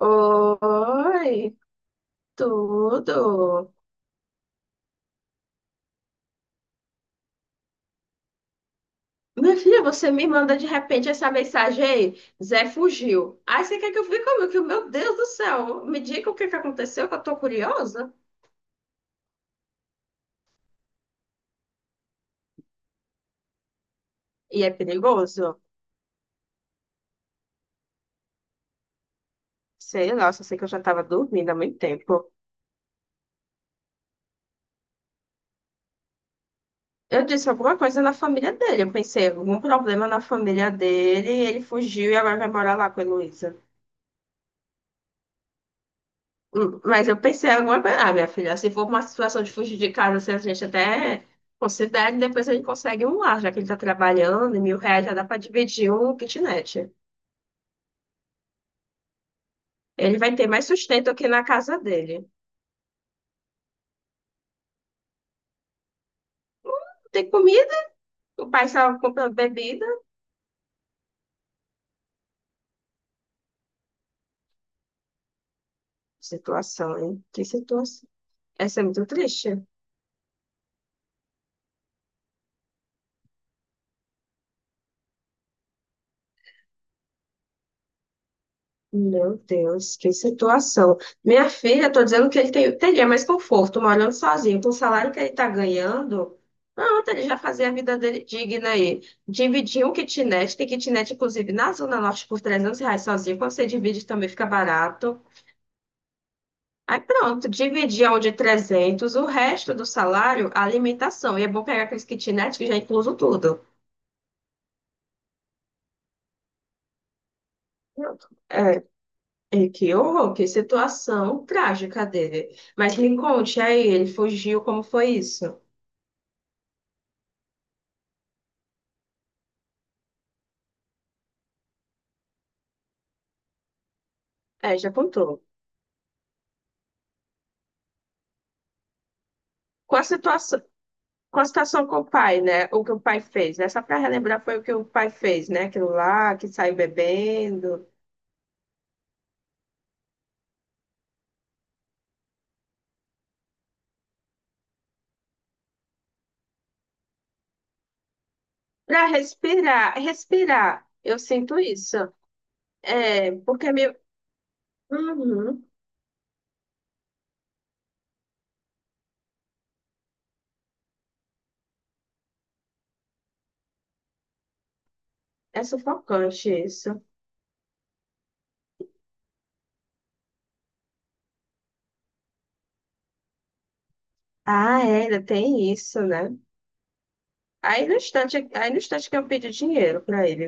Oi, tudo. Minha filha, você me manda de repente essa mensagem aí. Zé fugiu. Aí você quer que eu fique como? Que, meu Deus do céu, me diga o que que aconteceu, que eu tô curiosa. E é perigoso? Sei lá, só sei que eu já tava dormindo há muito tempo. Eu disse alguma coisa na família dele. Eu pensei, algum problema na família dele, ele fugiu e agora vai morar lá com a Heloísa. Mas eu pensei em alguma coisa, ah, minha filha, se for uma situação de fugir de casa, se a gente até considera, e depois a gente consegue um lar, já que ele está trabalhando, e 1.000 reais já dá para dividir um kitnet. Ele vai ter mais sustento aqui na casa dele. Não tem comida, o pai estava comprando bebida. Situação, hein? Que situação. Essa é muito triste. Meu Deus, que situação. Minha filha, estou dizendo que ele teria mais conforto morando sozinho. Com o salário que ele está ganhando, pronto, ele já fazia a vida dele digna aí. Dividir um kitnet, tem kitnet, inclusive, na Zona Norte por 300 reais sozinho. Quando você divide, também fica barato. Aí pronto, dividir onde 300 o resto do salário, a alimentação. E é bom pegar aqueles kitnet que já é incluso tudo. Pronto. É, que horror, que situação trágica dele. Mas me conte aí, ele fugiu, como foi isso? É, já contou. Com a situação, com a situação com o pai, né? O que o pai fez, né? Só para relembrar, foi o que o pai fez, né? Aquilo lá, que saiu bebendo. Para respirar, respirar, eu sinto isso. É, porque é meio. Uhum, é sufocante isso. Ah, é, ainda tem isso, né? Aí no instante que eu pedi dinheiro para ele,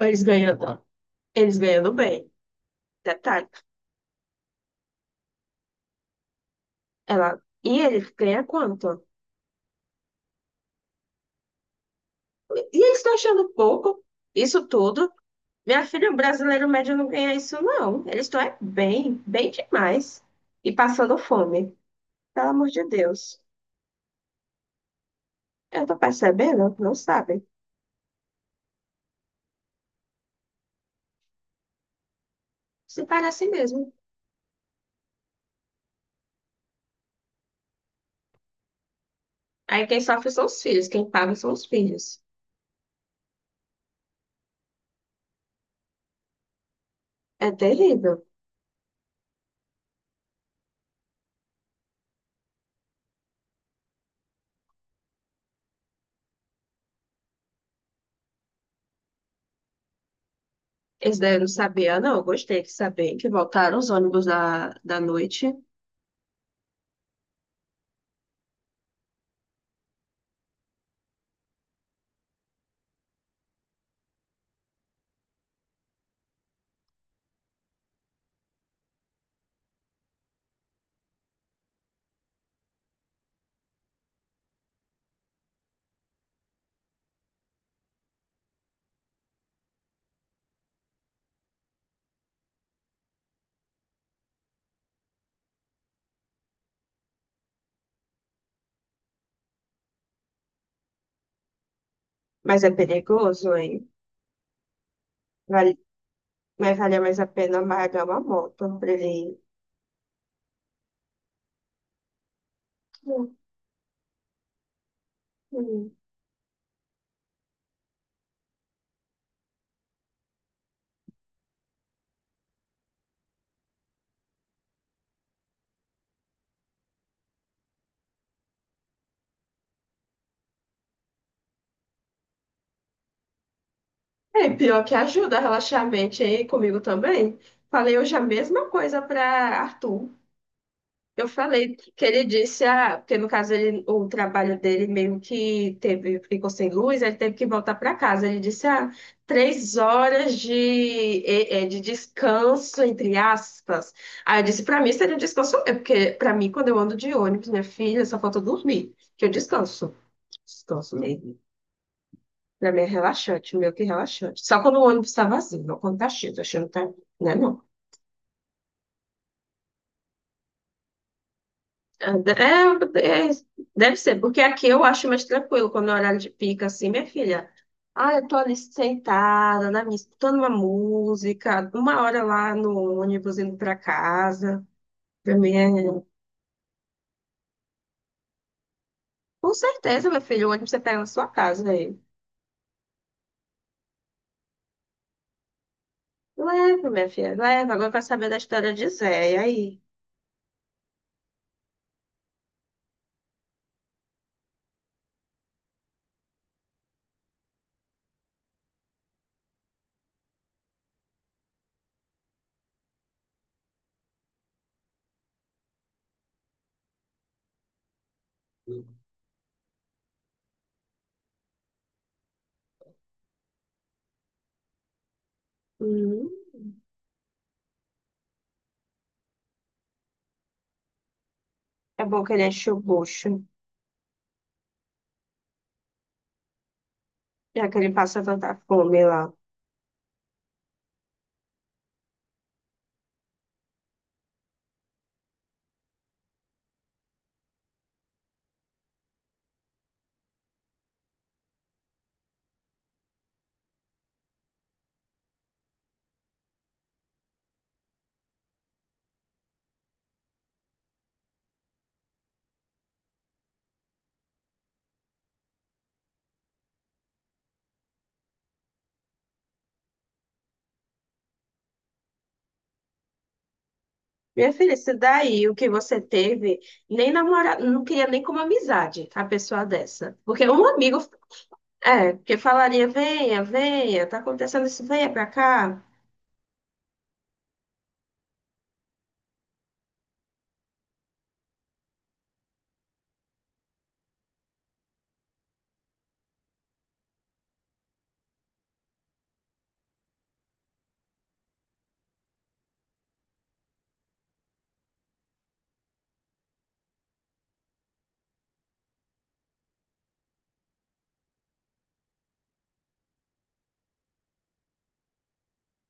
eles ganhando, eles ganhando bem. Detalhe. Ela, e ele ganha quanto? E eles estão achando pouco isso tudo. Minha filha, o brasileiro médio não ganha isso, não. Eles estão é bem, bem demais. E passando fome. Pelo amor de Deus. Eu tô percebendo, não sabem. Se parece mesmo. Aí quem sofre são os filhos, quem paga são os filhos. É terrível. Eles daí eu não sabia, não. Eu gostei de saber que voltaram os ônibus da noite. Mas é perigoso, hein? Vale Mas valia mais a pena amargar uma moto pra ele. Hum, hum. É, pior que ajuda a relaxar a mente, hein? Comigo também. Falei hoje a mesma coisa para Arthur. Eu falei que ele disse, ah, porque no caso ele, o trabalho dele meio que teve, ficou sem luz, ele teve que voltar para casa. Ele disse, ah, 3 horas de, de descanso, entre aspas. Aí eu disse, para mim seria um descanso, é porque para mim, quando eu ando de ônibus, minha filha, só falta dormir, que eu descanso. Gosto mesmo. Pra mim é relaxante, meio que relaxante. Só quando o ônibus tá vazio, não quando tá cheio. Tô achando que tá. Né, não. É, é, deve ser, porque aqui eu acho mais tranquilo quando é horário de pica, assim, minha filha. Ah, eu tô ali sentada, na minha, escutando uma música, uma hora lá no ônibus indo pra casa. Pra mim é. Com certeza, meu filho, o ônibus você pega na sua casa aí. Leva, minha filha, leva. Agora eu quero saber da história de Zé. E aí? Hum, é bom que ele enche o bucho. Já que ele passa tanta fome lá. Minha filha, isso daí, o que você teve, nem namorado, não queria nem como amizade a pessoa dessa. Porque um amigo, é, porque falaria, venha, venha, tá acontecendo isso, venha pra cá.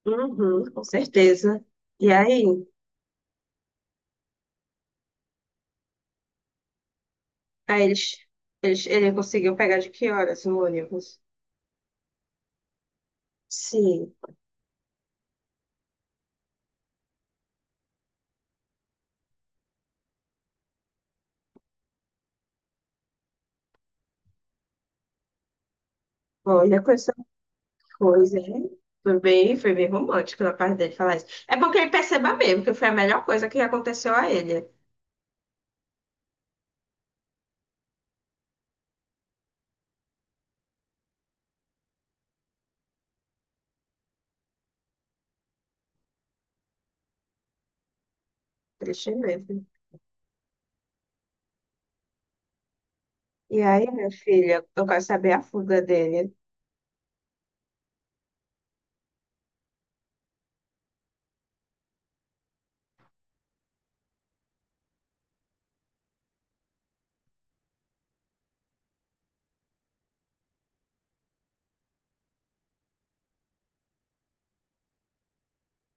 Uhum, com certeza. E aí, aí eles, ele conseguiu pegar de que horas no ônibus? Sim, olha com essa coisa, hein? Foi bem romântico da parte dele falar isso. É bom que ele perceba mesmo que foi a melhor coisa que aconteceu a ele. Triste mesmo. E aí, minha filha, eu quero saber a fuga dele.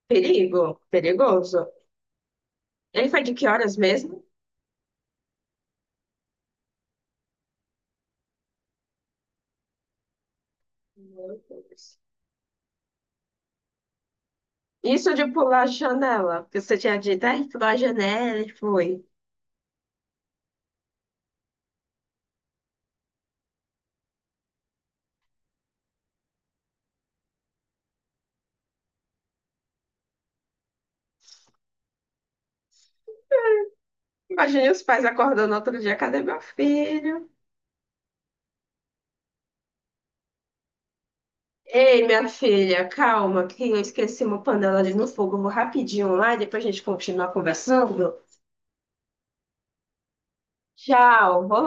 Perigo, perigoso. Ele foi de que horas mesmo? Meu Deus. Isso de pular a janela, porque você tinha dito, ai, pulou a janela e foi. Imagine os pais acordando outro dia, cadê meu filho? Ei, minha filha, calma, que eu esqueci uma panela ali no fogo. Eu vou rapidinho lá e depois a gente continua conversando. Tchau,